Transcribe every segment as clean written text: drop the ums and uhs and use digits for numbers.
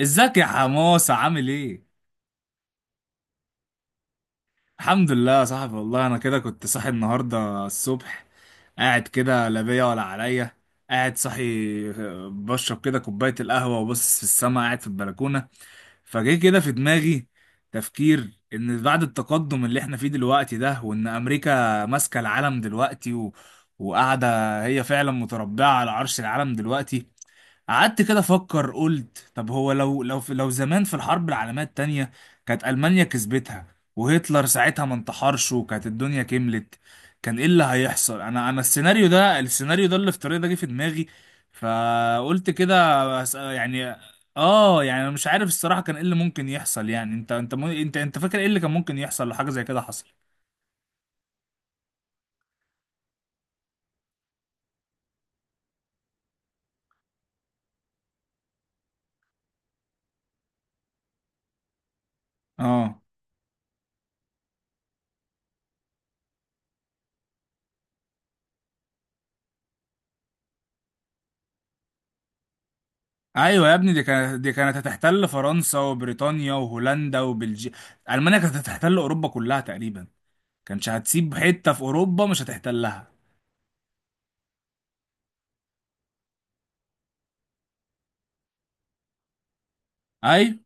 ازيك يا حماسة، عامل ايه؟ الحمد لله يا صاحبي، والله انا كده كنت صاحي النهاردة الصبح. قاعد كده لا بيا ولا عليا. قاعد صاحي. بشرب كده كوباية القهوة وبص في السما قاعد في البلكونة. فجه كده في دماغي تفكير ان بعد التقدم اللي احنا فيه دلوقتي ده، وان امريكا ماسكة العالم دلوقتي وقاعدة. هي فعلا متربعة على عرش العالم دلوقتي. قعدت كده افكر، قلت طب هو لو زمان في الحرب العالميه التانيه كانت المانيا كسبتها، وهتلر ساعتها ما انتحرش، وكانت الدنيا كملت، كان ايه اللي هيحصل؟ انا السيناريو الافتراضي ده جه في دماغي. فقلت كده يعني. اه، يعني انا مش عارف الصراحه كان ايه اللي ممكن يحصل. يعني انت انت مو- انت انت فاكر ايه اللي كان ممكن يحصل لو حاجه زي كده حصل؟ اه. ايوه يا ابني، دي كانت هتحتل فرنسا وبريطانيا وهولندا وبلجيكا. المانيا كانت هتحتل اوروبا كلها تقريبا. كانش هتسيب حته في اوروبا مش هتحتلها. ايوه،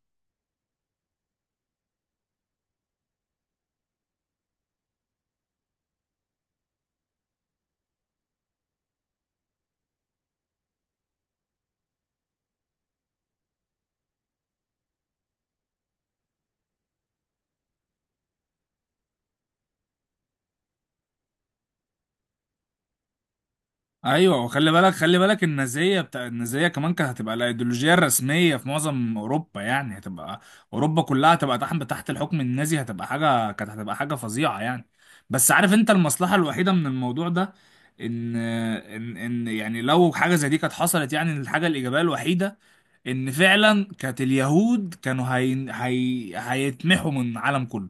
ايوه. وخلي بالك، خلي بالك النازيه بتاع النازيه كمان كانت هتبقى الايديولوجيه الرسميه في معظم اوروبا، يعني هتبقى اوروبا كلها هتبقى تحت الحكم النازي، هتبقى حاجه، كانت هتبقى حاجه فظيعه يعني. بس عارف انت المصلحه الوحيده من الموضوع ده، ان يعني لو حاجه زي دي كانت حصلت، يعني الحاجه الايجابيه الوحيده ان فعلا كانت اليهود كانوا هيتمحوا من العالم كله،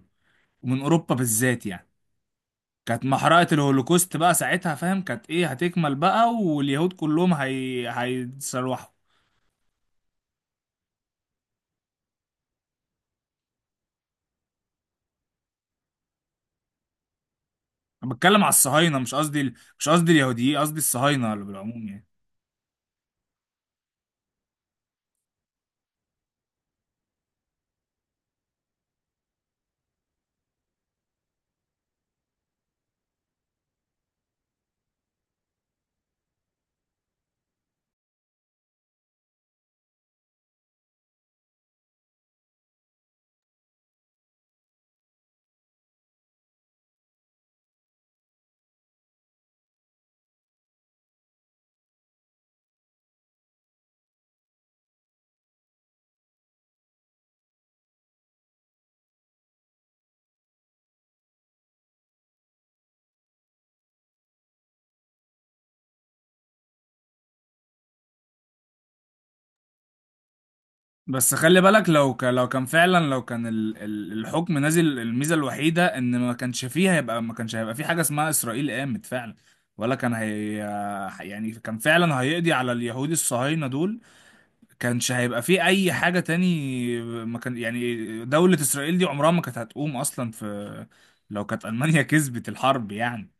ومن اوروبا بالذات يعني. كانت محرقة الهولوكوست بقى ساعتها، فاهم، كانت ايه، هتكمل بقى، واليهود كلهم هيتسلوحوا. انا بتكلم على الصهاينة، مش قصدي مش قصدي اليهوديين، قصدي الصهاينة اللي بالعموم يعني. بس خلي بالك، لو كان فعلا، لو كان الحكم نازل، الميزة الوحيدة ان ما كانش هيبقى في حاجة اسمها اسرائيل قامت فعلا، ولا كان هي، يعني كان فعلا هيقضي على اليهود الصهاينة دول. كانش هيبقى في اي حاجه تاني، ما كان، يعني دوله اسرائيل دي عمرها ما كانت هتقوم اصلا، في لو كانت المانيا كسبت الحرب يعني.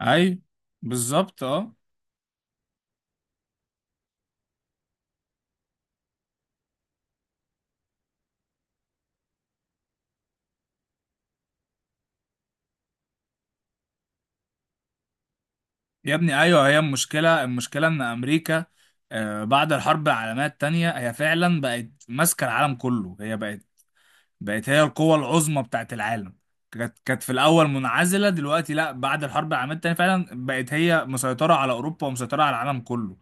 اي، بالظبط، اه. يا ابني، ايوه، هي المشكله، المشكله ان امريكا بعد الحرب العالميه التانيه هي فعلا بقت ماسكه العالم كله. هي بقت، بقت هي القوه العظمى بتاعت العالم. كانت في الاول منعزله، دلوقتي لا، بعد الحرب العالميه التانيه فعلا بقت هي مسيطره على اوروبا ومسيطره على العالم كله.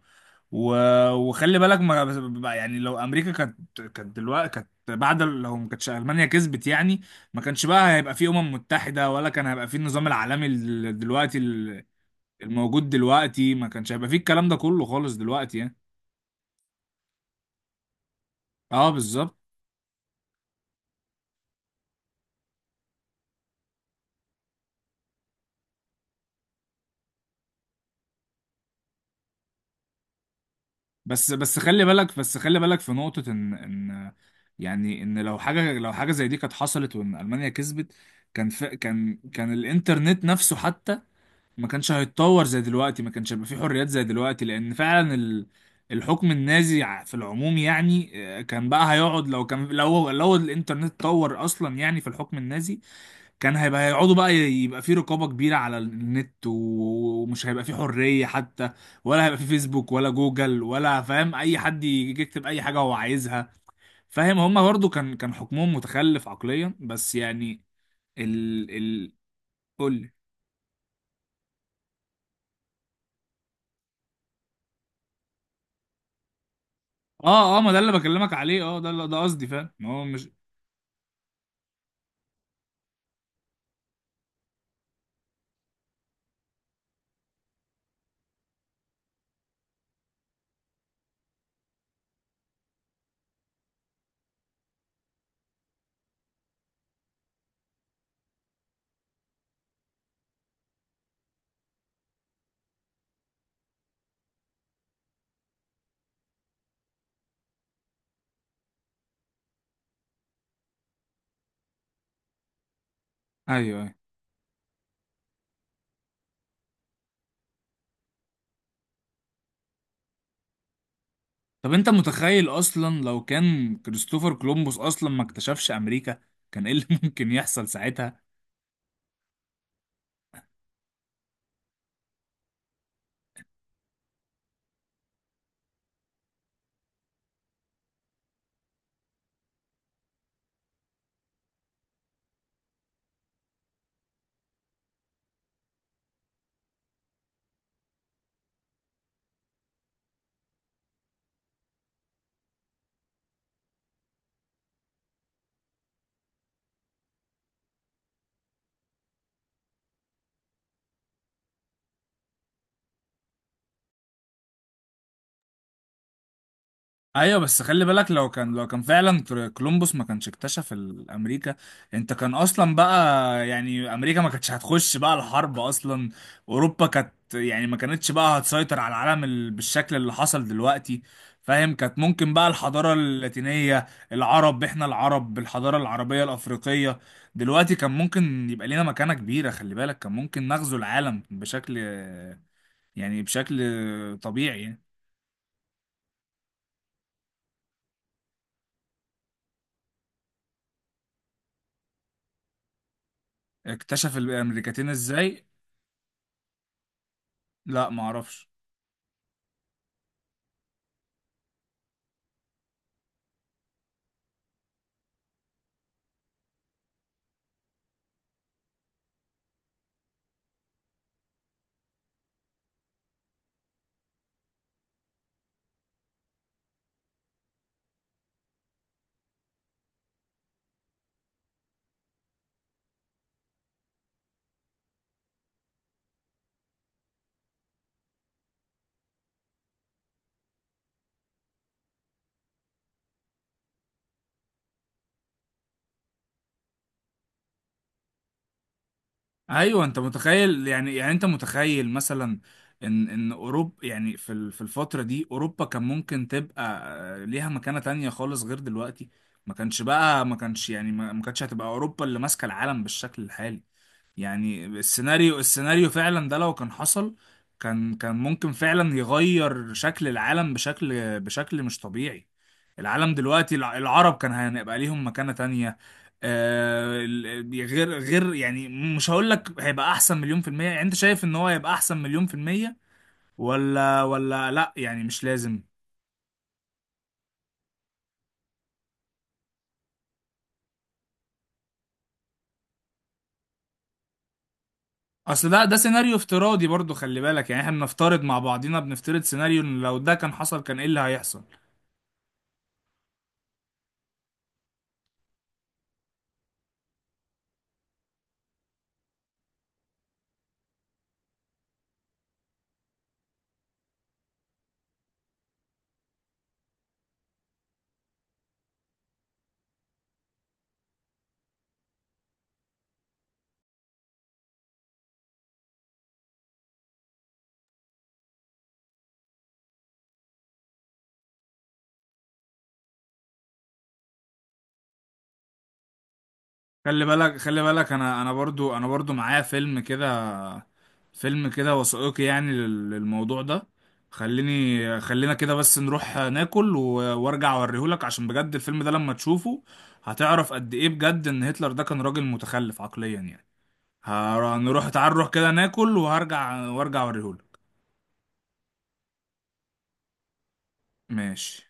و... وخلي بالك ما بقى، يعني لو امريكا كانت لو ما كانتش المانيا كسبت يعني، ما كانش بقى هيبقى في متحده، ولا كان هيبقى في النظام العالمي الموجود دلوقتي. ما كانش هيبقى في الكلام ده كله خالص دلوقتي يعني. اه، بالظبط. بس خلي بالك، في نقطه، ان يعني ان لو حاجه زي دي كانت حصلت، وان المانيا كسبت، كان ف... كان كان الانترنت نفسه حتى ما كانش هيتطور زي دلوقتي. ما كانش هيبقى فيه حريات زي دلوقتي، لان فعلا الحكم النازي في العموم يعني كان بقى هيقعد، لو كان لو الانترنت اتطور اصلا يعني في الحكم النازي، كان هيبقى هيقعدوا بقى يبقى فيه رقابة كبيرة على النت، و- ومش هيبقى فيه حرية حتى، ولا هيبقى فيه فيسبوك، ولا جوجل، ولا، فاهم، اي حد يجي يكتب اي حاجة هو عايزها. فاهم، هما برضو كان حكمهم متخلف عقليا بس يعني ال ال قول. اه، اه، ما ده اللي بكلمك عليه، اه، ده قصدي، فاهم، ما هو مش. ايوه، ايوه. طب انت متخيل اصلا، لو كان كريستوفر كولومبوس اصلا ما اكتشفش امريكا، كان ايه اللي ممكن يحصل ساعتها؟ ايوه، بس خلي بالك، لو كان فعلا كولومبوس ما كانش اكتشف امريكا، انت كان اصلا بقى، يعني امريكا ما كانتش هتخش بقى الحرب اصلا. اوروبا كانت، يعني ما كانتش بقى هتسيطر على العالم بالشكل اللي حصل دلوقتي. فاهم، كانت ممكن بقى الحضارة اللاتينية، العرب، احنا العرب بالحضارة العربية الافريقية دلوقتي كان ممكن يبقى لينا مكانة كبيرة. خلي بالك، كان ممكن نغزو العالم بشكل، يعني بشكل طبيعي. اكتشف الامريكتين ازاي؟ لا، ما اعرفش. ايوه، انت متخيل، يعني، يعني انت متخيل مثلا ان اوروبا، يعني في في الفتره دي اوروبا كان ممكن تبقى ليها مكانه تانية خالص غير دلوقتي. ما كانش بقى ما كانش يعني ما ما كانتش هتبقى اوروبا اللي ماسكه العالم بالشكل الحالي يعني. السيناريو فعلا ده، لو كان حصل، كان ممكن فعلا يغير شكل العالم بشكل مش طبيعي. العالم دلوقتي، العرب كان هيبقى ليهم مكانة تانية، غير يعني، مش هقول لك هيبقى احسن مليون في المية. يعني انت شايف ان هو هيبقى احسن مليون في المية؟ ولا ولا لا يعني، مش لازم. اصل ده سيناريو افتراضي برضو خلي بالك، يعني احنا بنفترض مع بعضينا، بنفترض سيناريو إن لو ده كان حصل كان ايه اللي هيحصل. خلي بالك، خلي بالك، انا برضو معايا فيلم كده وثائقي يعني للموضوع ده. خلينا كده بس نروح ناكل، و- وارجع اوريهولك، عشان بجد الفيلم ده لما تشوفه هتعرف قد ايه بجد ان هتلر ده كان راجل متخلف عقليا يعني. هنروح، تعال نروح كده ناكل، وارجع اوريهولك. ماشي.